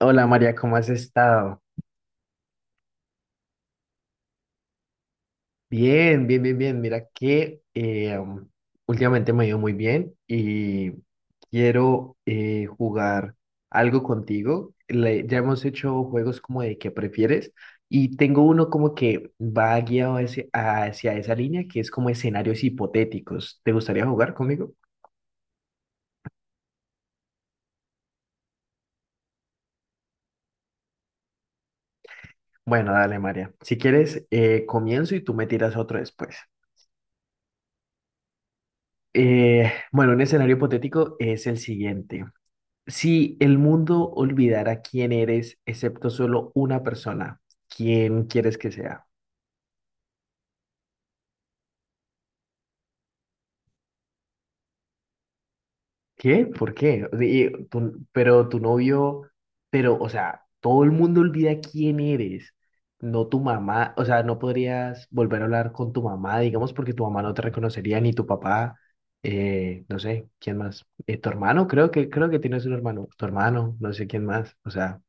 Hola María, ¿cómo has estado? Bien. Mira que últimamente me ha ido muy bien y quiero jugar algo contigo. Ya hemos hecho juegos como de qué prefieres y tengo uno como que va guiado hacia esa línea que es como escenarios hipotéticos. ¿Te gustaría jugar conmigo? Bueno, dale María. Si quieres, comienzo y tú me tiras otro después. Bueno, un escenario hipotético es el siguiente. Si el mundo olvidara quién eres, excepto solo una persona, ¿quién quieres que sea? ¿Qué? ¿Por qué? O sea, pero tu novio, pero, o sea, todo el mundo olvida quién eres, no tu mamá, o sea, no podrías volver a hablar con tu mamá, digamos, porque tu mamá no te reconocería, ni tu papá, no sé, ¿quién más? Tu hermano, creo que tienes un hermano, tu hermano, no sé quién más, o sea,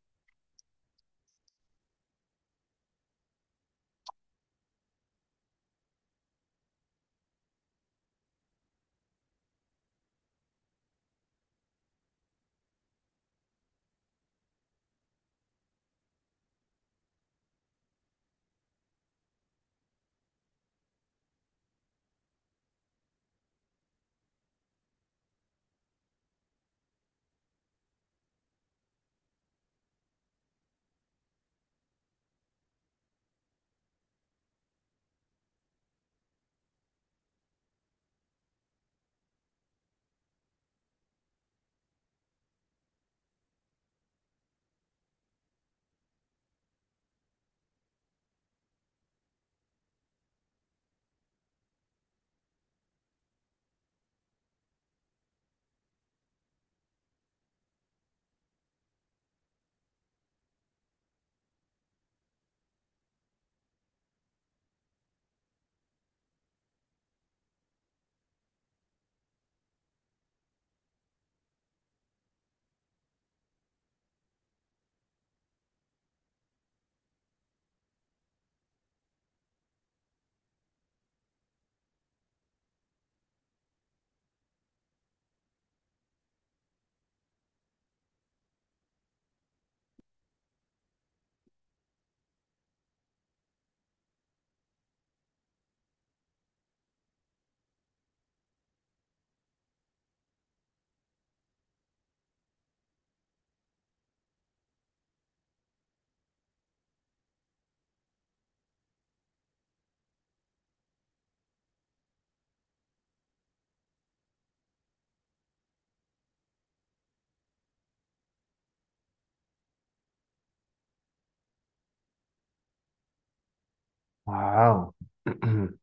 wow.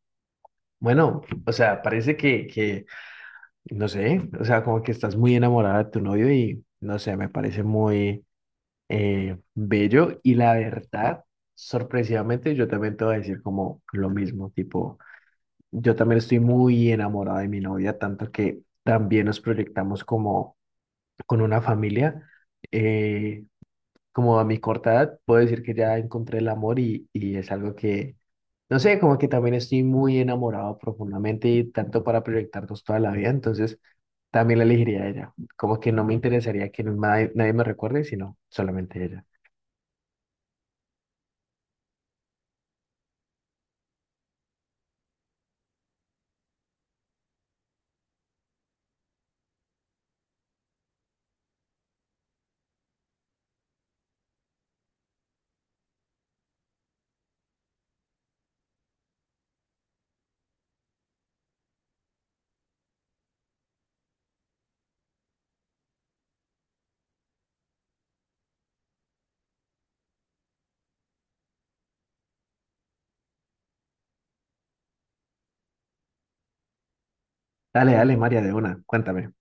Bueno, o sea, parece que no sé, o sea, como que estás muy enamorada de tu novio y no sé, me parece muy bello y la verdad, sorpresivamente, yo también te voy a decir como lo mismo, tipo, yo también estoy muy enamorada de mi novia, tanto que también nos proyectamos como con una familia. Eh, Como a mi corta edad, puedo decir que ya encontré el amor y es algo que, no sé, como que también estoy muy enamorado profundamente y tanto para proyectarnos toda la vida, entonces también la elegiría a ella. Como que no me interesaría que nadie me recuerde, sino solamente ella. Dale, María, de una, cuéntame.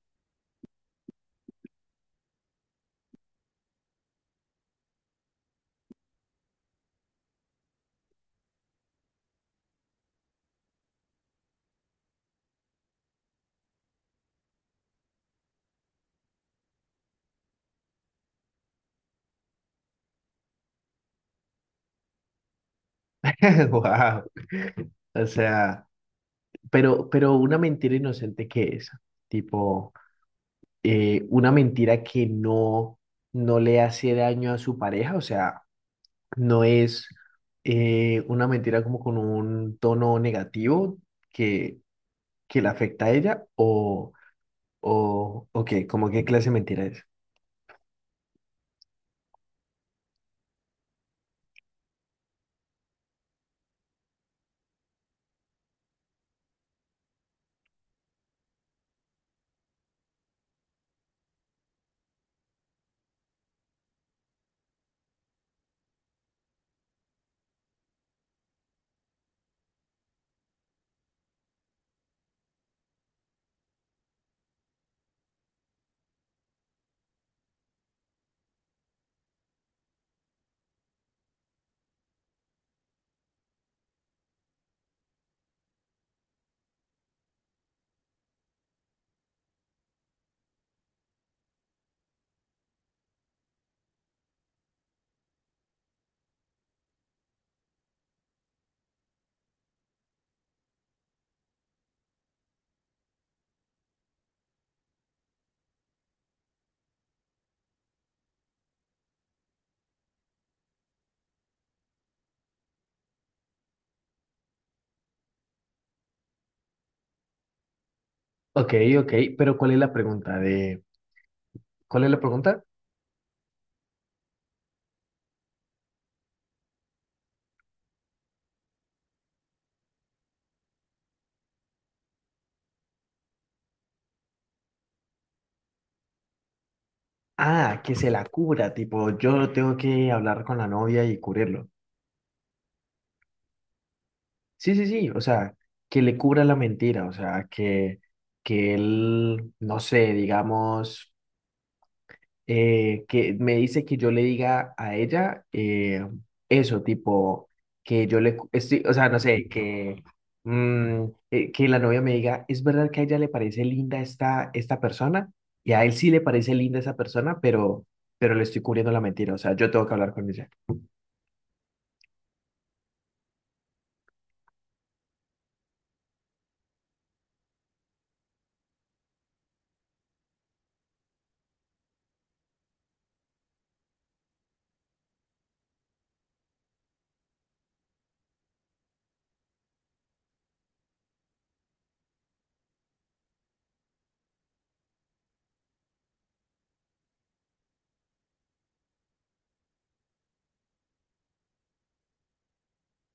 Wow. O sea, pero una mentira inocente que es, tipo, una mentira que no le hace daño a su pareja, o sea no es una mentira como con un tono negativo que, que la afecta a ella o qué, como qué clase de mentira es. Ok, ok, pero ¿cuál es la pregunta? Ah, que se la cubra, tipo, yo tengo que hablar con la novia y cubrirlo. Sí, sí, sí, o sea, que le cubra la mentira, o sea, que él, no sé, digamos... que me dice que yo le diga a ella eso, tipo, que yo le, cu- estoy, o sea, no sé, que, mm, que la novia me diga, es verdad que a ella le parece linda esta persona, y a él sí le parece linda esa persona, pero le estoy cubriendo la mentira, o sea, yo tengo que hablar con ella.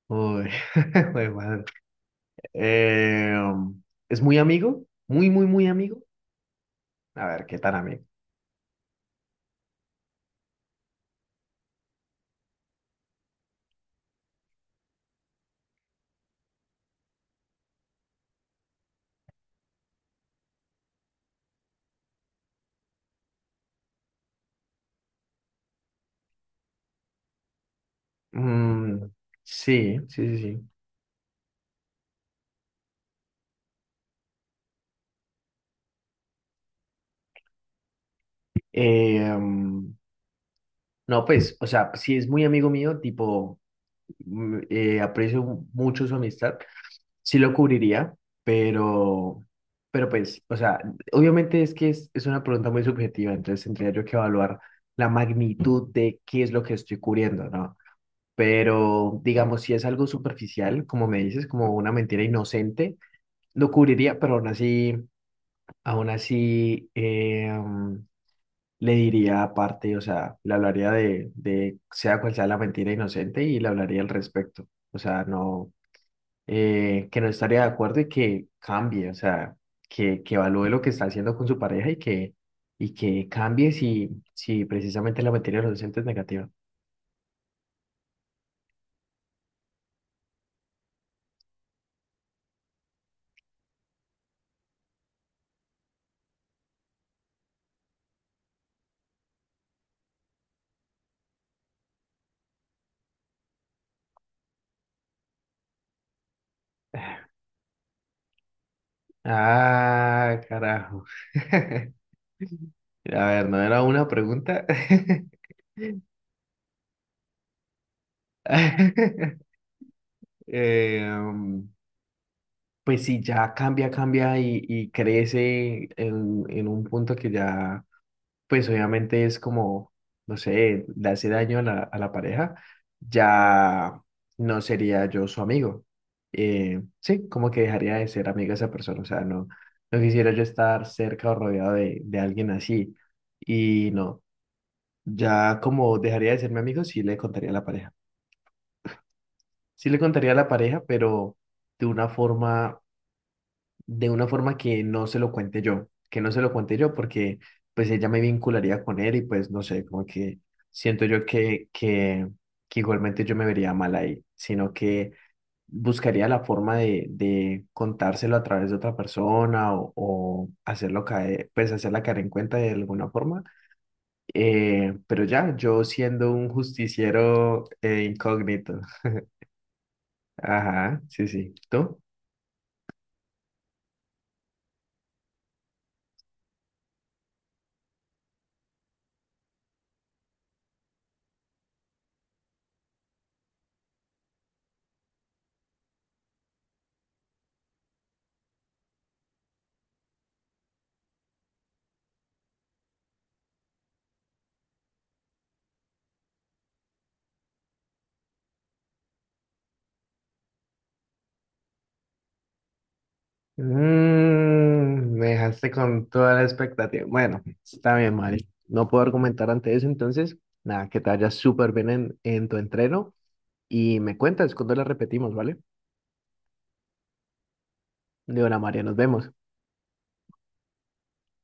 Uy, jue madre. Eh, um, es muy amigo, muy amigo. A ver, ¿qué tan amigo? Mm, sí, sí, sí, sí. Eh, um, no, pues, o sea, si es muy amigo mío, tipo, aprecio mucho su amistad, sí lo cubriría, pero, pero pues, o sea, obviamente es una pregunta muy subjetiva, entonces tendría yo que evaluar la magnitud de qué es lo que estoy cubriendo, ¿no? Pero, digamos, si es algo superficial, como me dices, como una mentira inocente, lo cubriría, pero aún así, le diría aparte, o sea, le hablaría de sea cual sea la mentira inocente y le hablaría al respecto. O sea, no, que no estaría de acuerdo y que cambie, o sea, que evalúe lo que está haciendo con su pareja y que cambie si precisamente la mentira inocente es negativa. Ah, carajo. A ver, no era una pregunta. Eh, mm, pues sí, cambia y crece en un punto que ya, pues obviamente es como, no sé, le hace daño a a la pareja, ya no sería yo su amigo. Sí, como que dejaría de ser amiga de esa persona, o sea, no, no quisiera yo estar cerca o rodeado de alguien así. Y no, ya como dejaría de ser mi amigo, sí le contaría a la pareja. Sí le contaría a la pareja, pero de una forma de una forma que no se lo cuente yo, que no se lo cuente yo porque pues ella me vincularía con él y pues no sé, como que siento yo que, que, que igualmente yo me vería mal ahí, sino que buscaría la forma de contárselo a través de otra persona o hacerlo caer, pues hacerla caer en cuenta de alguna forma. Pero ya, yo siendo un justiciero incógnito. Ajá, sí, sí. ¿Tú? Me dejaste con toda la expectativa. Bueno, está bien, Mari. No puedo argumentar ante eso, entonces, nada, que te vaya súper bien en tu entreno y me cuentas cuando la repetimos, ¿vale? De hora, María, nos vemos.